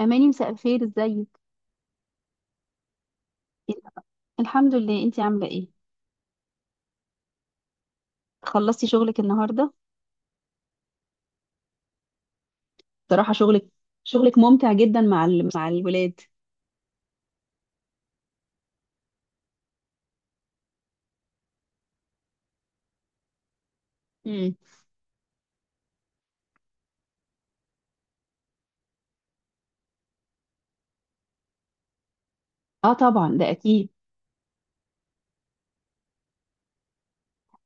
أماني مساء الخير ازيك. الحمد لله، انتي عاملة ايه؟ خلصتي شغلك النهاردة؟ بصراحة شغلك شغلك ممتع جدا مع الولاد. امم اه طبعا ده اكيد.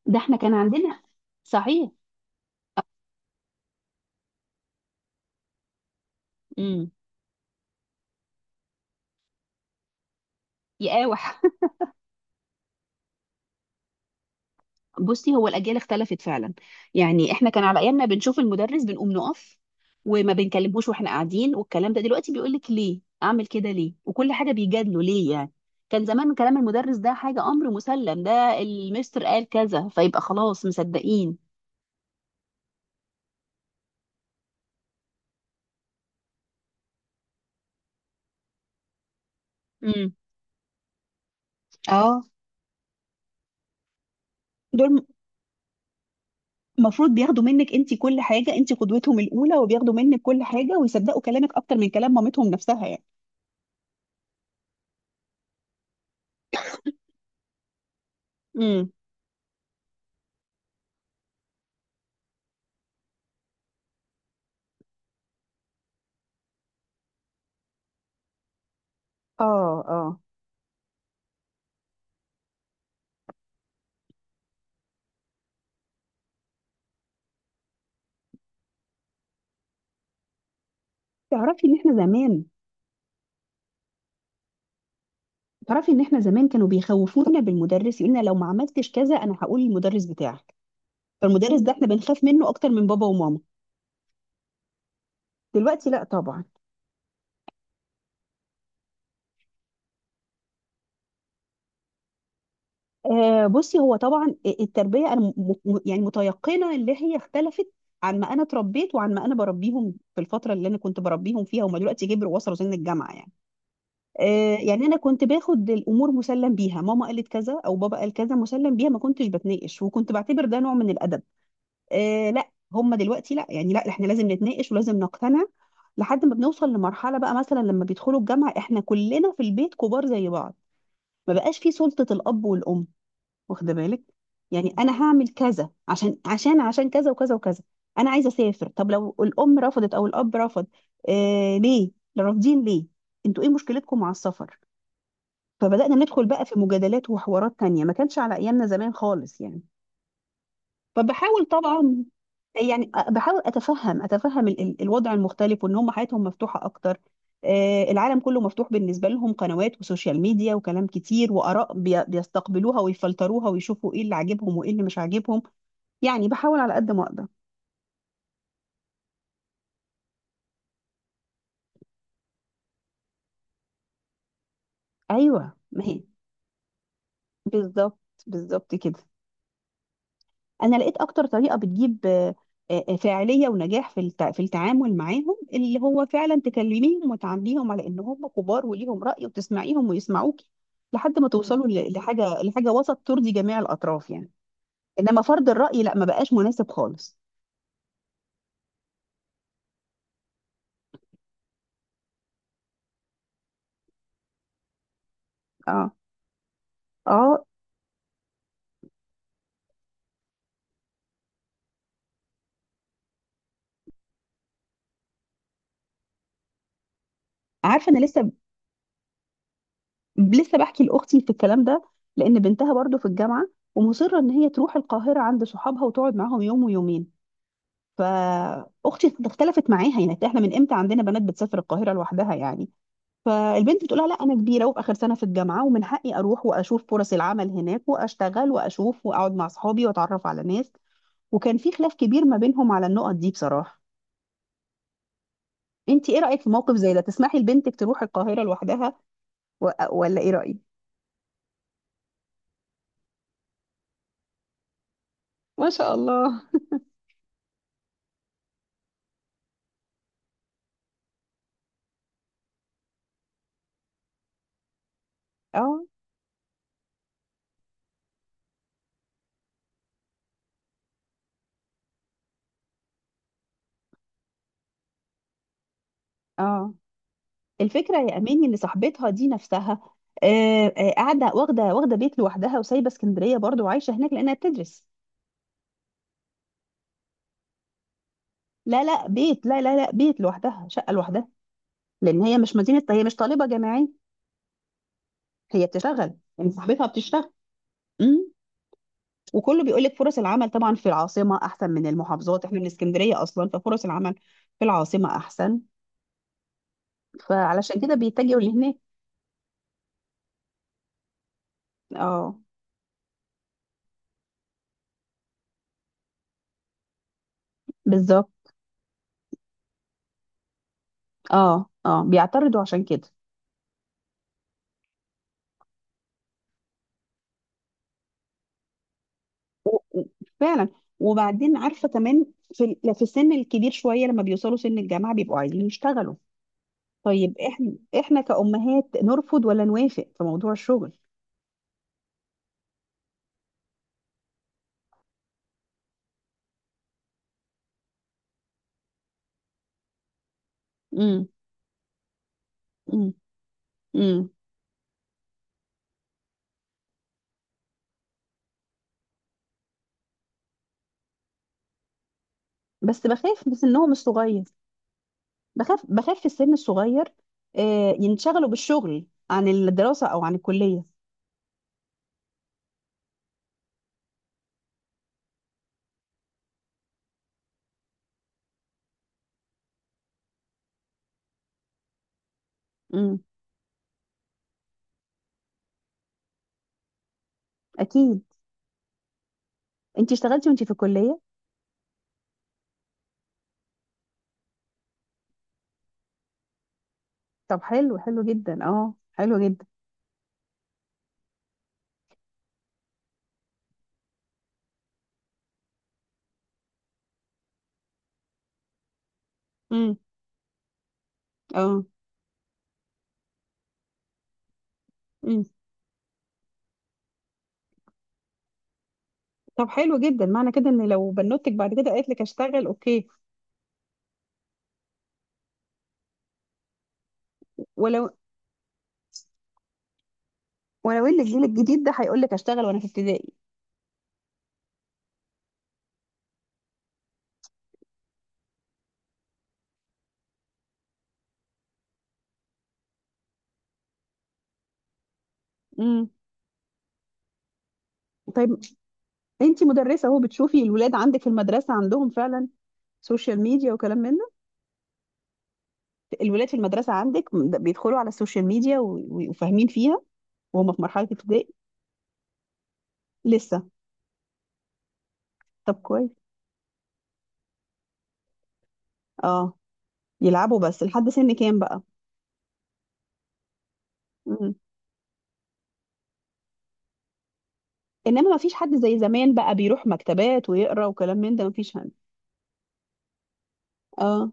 ده احنا كان عندنا. صحيح. امم يا بصي، هو الاجيال اختلفت فعلا. يعني احنا كان على ايامنا بنشوف المدرس بنقوم نقف، وما بنكلموش واحنا قاعدين. والكلام ده دلوقتي بيقول لك ليه، اعمل كده ليه، وكل حاجه بيجادله ليه يعني. كان زمان كلام المدرس ده حاجه، امر مسلم، ده المستر قال كذا فيبقى خلاص مصدقين. امم اه دول المفروض بياخدوا منك انت كل حاجه، انت قدوتهم الاولى وبياخدوا منك كل حاجه ويصدقوا كلامك اكتر من كلام مامتهم نفسها يعني. امم اه اه. تعرفي ان احنا زمان تعرفي ان احنا زمان كانوا بيخوفونا بالمدرس، يقولنا لو ما عملتش كذا انا هقول المدرس بتاعك. فالمدرس ده احنا بنخاف منه اكتر من بابا وماما. دلوقتي لا طبعا. آه بصي، هو طبعا التربيه انا يعني متيقنه اللي هي اختلفت، عن ما انا اتربيت وعن ما انا بربيهم. في الفتره اللي انا كنت بربيهم فيها هم دلوقتي كبروا وصلوا سن الجامعه يعني. آه يعني انا كنت باخد الامور مسلم بيها، ماما قالت كذا او بابا قال كذا مسلم بيها، ما كنتش بتناقش وكنت بعتبر ده نوع من الادب. آه لا، هم دلوقتي لا يعني، لا احنا لازم نتناقش ولازم نقتنع. لحد ما بنوصل لمرحله بقى، مثلا لما بيدخلوا الجامعه احنا كلنا في البيت كبار زي بعض. ما بقاش في سلطه الاب والام، واخده بالك؟ يعني انا هعمل كذا عشان عشان كذا وكذا وكذا. انا عايزه اسافر، طب لو الام رفضت او الاب رفض، آه ليه؟ رافضين ليه؟ انتوا ايه مشكلتكم مع السفر؟ فبدانا ندخل بقى في مجادلات وحوارات تانية ما كانش على ايامنا زمان خالص يعني. فبحاول طبعا، يعني بحاول اتفهم الوضع المختلف، وان هم حياتهم مفتوحه اكتر. آه، العالم كله مفتوح بالنسبه لهم، قنوات وسوشيال ميديا وكلام كتير واراء بيستقبلوها ويفلتروها ويشوفوا ايه اللي عاجبهم وايه اللي مش عاجبهم. يعني بحاول على قد ما اقدر. ايوه ما هي، بالظبط، بالظبط كده. انا لقيت اكتر طريقه بتجيب فاعليه ونجاح في في التعامل معاهم، اللي هو فعلا تكلميهم وتعامليهم على ان هم كبار وليهم راي وتسمعيهم ويسمعوكي. لحد ما توصلوا لحاجه، لحاجه وسط ترضي جميع الاطراف يعني. انما فرض الراي لا، ما بقاش مناسب خالص. اه اه. عارفه انا لسه، لسه بحكي لاختي في الكلام ده، لان بنتها برضو في الجامعه، ومصره ان هي تروح القاهره عند صحابها وتقعد معاهم يوم ويومين. فاختي اختلفت معاها، يعني احنا من امتى عندنا بنات بتسافر القاهره لوحدها يعني؟ فالبنت بتقول لها لا، انا كبيره وفي اخر سنه في الجامعه، ومن حقي اروح واشوف فرص العمل هناك واشتغل واشوف واقعد مع اصحابي واتعرف على ناس. وكان في خلاف كبير ما بينهم على النقط دي بصراحه. انت ايه رايك في موقف زي ده؟ تسمحي لبنتك تروح القاهره لوحدها ولا ايه رايك؟ ما شاء الله. اه اه. الفكره يا اماني ان صاحبتها دي نفسها آه، آه، قاعده واخده بيت لوحدها، وسايبه اسكندريه برضو وعايشه هناك لانها بتدرس. لا بيت لوحدها، شقه لوحدها. لان هي مش مدينه، هي مش طالبه جامعيه، هي بتشتغل. يعني صاحبتها بتشتغل. امم وكله بيقول لك فرص العمل طبعا في العاصمه احسن من المحافظات. احنا من اسكندريه اصلا، ففرص العمل في العاصمه احسن، فعلشان كده بيتجهوا لهناك. اه بالظبط. اه اه بيعترضوا عشان كده. و- و- فعلا. وبعدين عارفه كمان، في في السن الكبير شويه، لما بيوصلوا سن الجامعه بيبقوا عايزين يشتغلوا. طيب احنا، احنا كأمهات نرفض ولا نوافق في موضوع الشغل؟ امم امم امم. بس بخاف من سنهم الصغير. بخاف في السن الصغير، آه ينشغلوا بالشغل عن الدراسة او عن الكلية. امم اكيد. انت اشتغلتي وانت في الكلية؟ طب حلو، حلو جدا، اه حلو جدا. امم اه. امم طب حلو جدا. معنى كده ان لو بنوتك بعد كده قالت لك اشتغل، اوكي. ولو ولو ان الجيل الجديد ده هيقول لك اشتغل وانا في ابتدائي. امم طيب انت مدرسه اهو، بتشوفي الولاد عندك في المدرسه عندهم فعلا سوشيال ميديا وكلام من ده؟ الولاد في المدرسه عندك بيدخلوا على السوشيال ميديا وفاهمين فيها، وهم في مرحله ابتدائي؟ لسه. طب كويس. اه يلعبوا، بس لحد سن كام بقى؟ مم. انما ما فيش حد زي زمان بقى بيروح مكتبات ويقرا وكلام من ده، ما فيش حد. اه.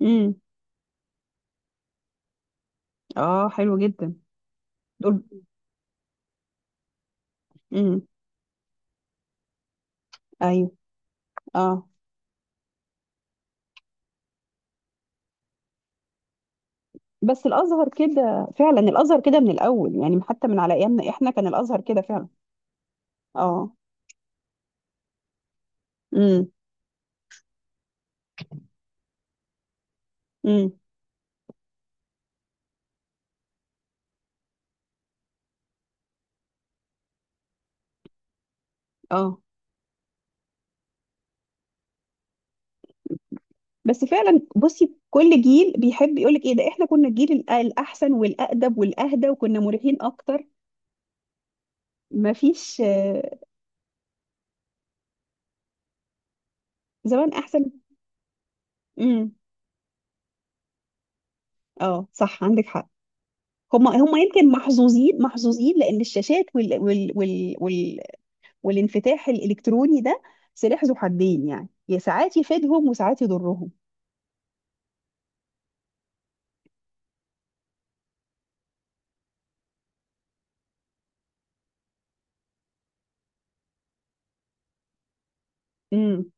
امم اه حلو جدا. دول. امم ايوه. اه. بس الازهر كده فعلا، الازهر كده من الاول يعني، حتى من على ايامنا احنا كان الازهر كده فعلا. اه. امم اه. بس فعلا بصي، كل جيل بيحب يقولك ايه، ده احنا كنا الجيل الاحسن والأقدم والأهدى، وكنا مريحين اكتر. مفيش آه،. زمان احسن. امم اه صح، عندك حق. هم، هم يمكن محظوظين، محظوظين لان الشاشات وال والانفتاح الالكتروني ده سلاح ذو حدين يعني، يا ساعات يفيدهم وساعات يضرهم. امم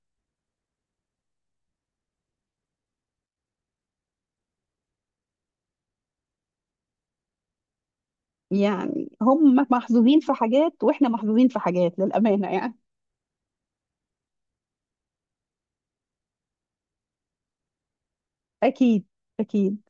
يعني هم محظوظين في حاجات واحنا محظوظين في حاجات للأمانة يعني. اكيد اكيد.